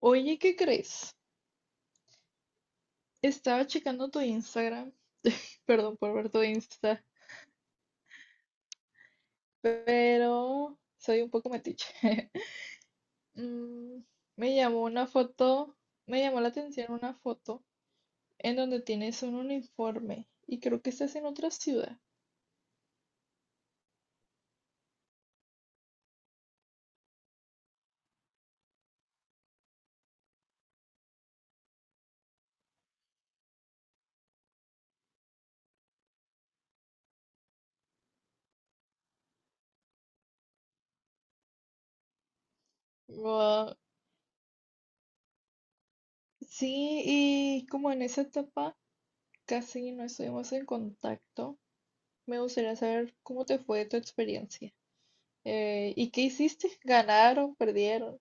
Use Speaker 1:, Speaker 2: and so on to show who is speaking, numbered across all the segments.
Speaker 1: Oye, ¿qué crees? Estaba checando tu Instagram, perdón por ver tu Insta, pero soy un poco metiche. Mm, me llamó una foto, me llamó la atención una foto en donde tienes un uniforme y creo que estás en otra ciudad. Wow. Sí, y como en esa etapa casi no estuvimos en contacto, me gustaría saber cómo te fue tu experiencia. ¿Y qué hiciste? ¿Ganaron? ¿Perdieron?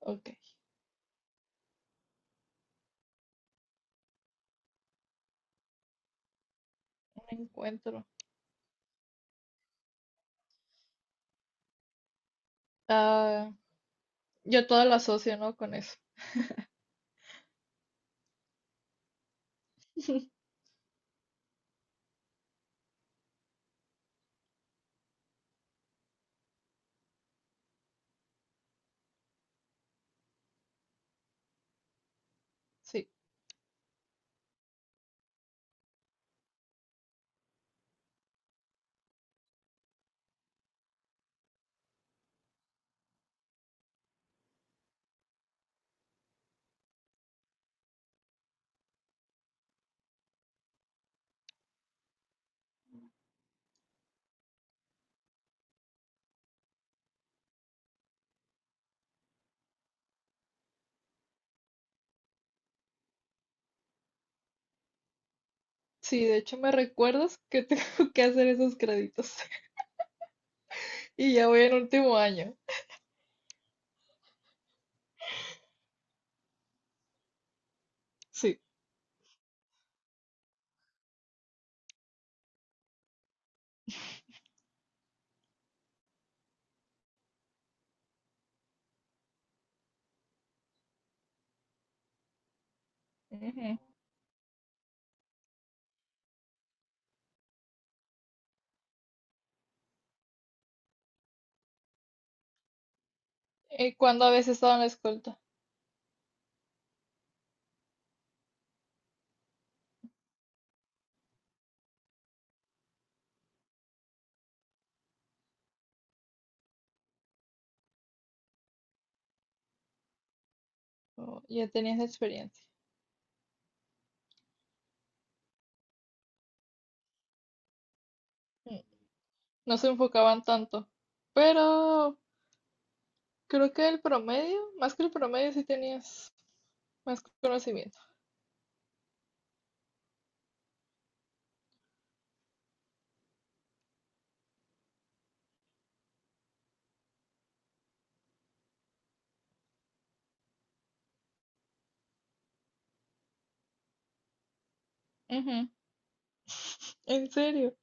Speaker 1: Ok, un encuentro. Ah, yo todo lo asocio, ¿no? Con eso. Sí, sí, de hecho me recuerdas que tengo que hacer esos créditos y ya voy en último año. Sí. Ujú. ¿Y cuándo habías estado en la escolta? Oh, ya tenías experiencia. Mm. No se enfocaban tanto, pero creo que el promedio, más que el promedio, sí tenías más conocimiento. Ujú. ¿En serio?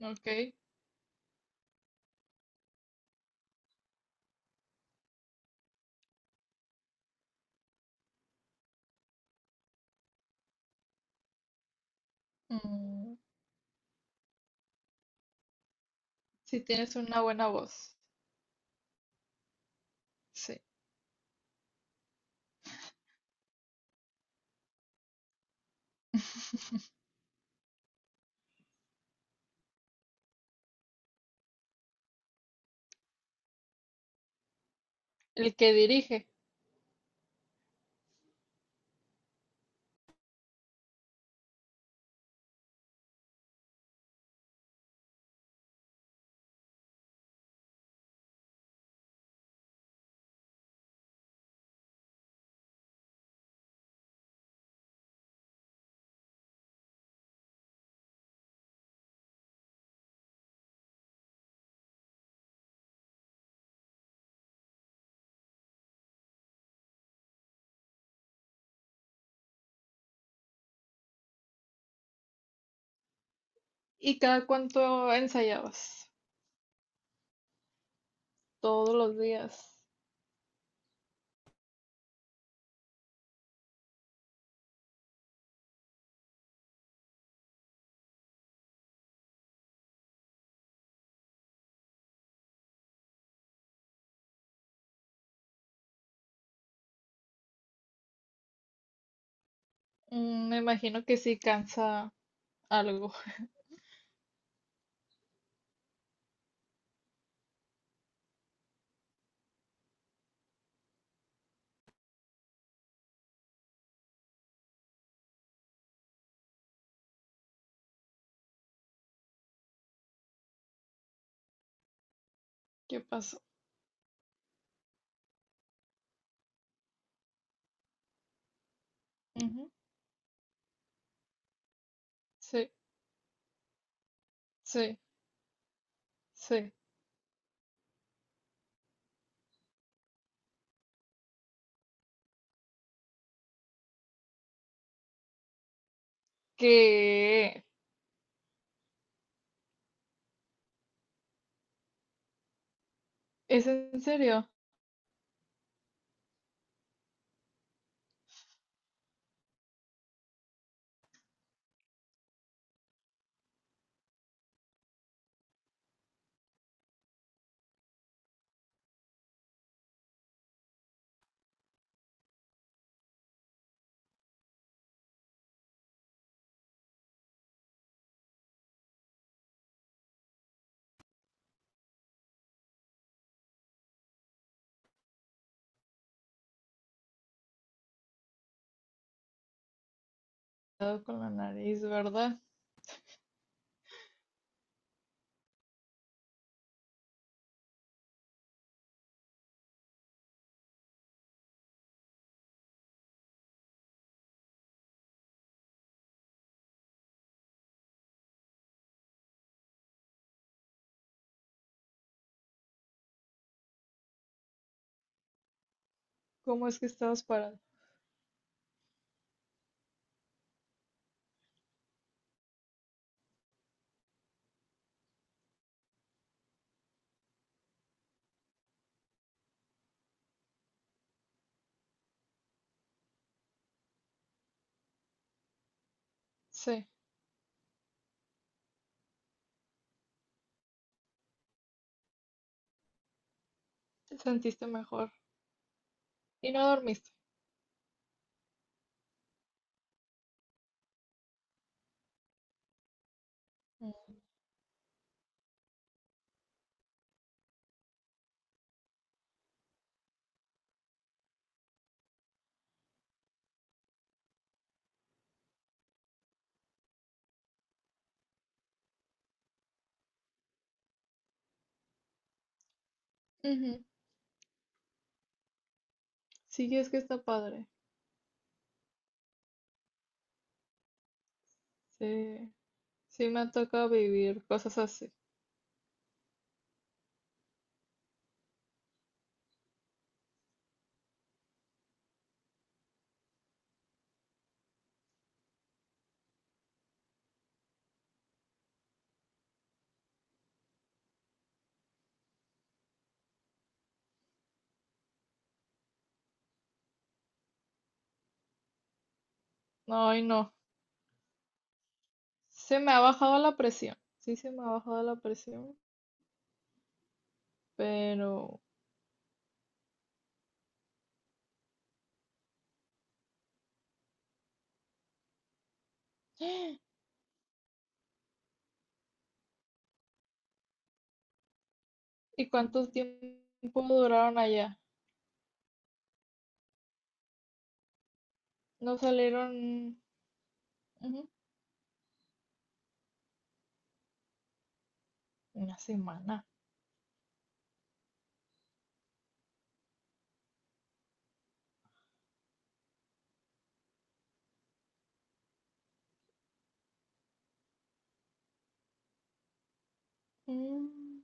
Speaker 1: Ok. Mm, sí tienes una buena voz. Sí. El que dirige. ¿Y cada cuánto ensayabas? Todos los días. Mm, me imagino que sí cansa algo. ¿Qué pasó? Ujú. Sí, sí, sí. ¿Qué? ¿Es en serio? Cuidado con la nariz, ¿verdad? ¿Cómo es que estabas parada? Sí, te sentiste mejor. Y no dormiste. Mm. Ujú. Sí, es que está padre. Sí, sí me ha tocado vivir cosas así. No, y no. Se me ha bajado la presión. Sí, se me ha bajado la presión, pero ¿y cuánto tiempo duraron allá? No salieron, ujú, una semana. Mm.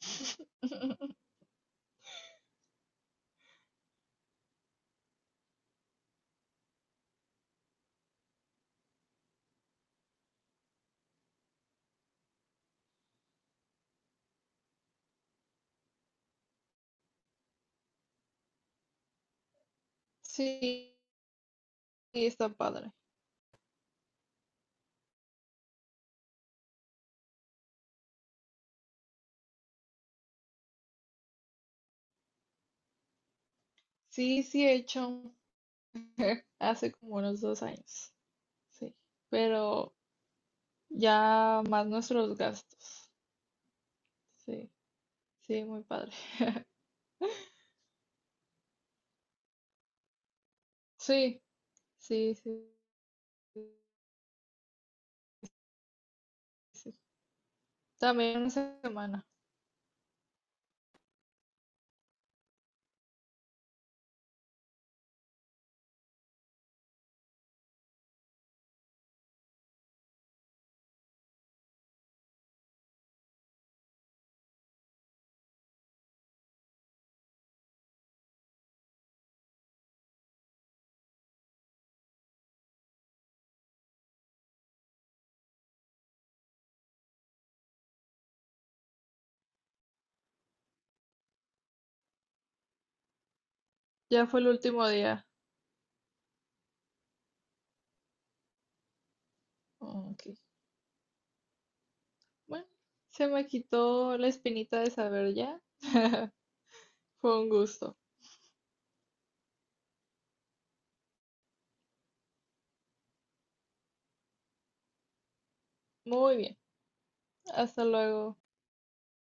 Speaker 1: Sí, está padre. Sí, sí he hecho hace como unos 2 años. Sí, pero ya más nuestros gastos. Sí, sí, muy padre. Sí, sí, sí, sí. Sí. También una semana. Ya fue el último día. Ok. Bueno, se me quitó la espinita de saber ya. Fue un gusto. Muy bien. Hasta luego.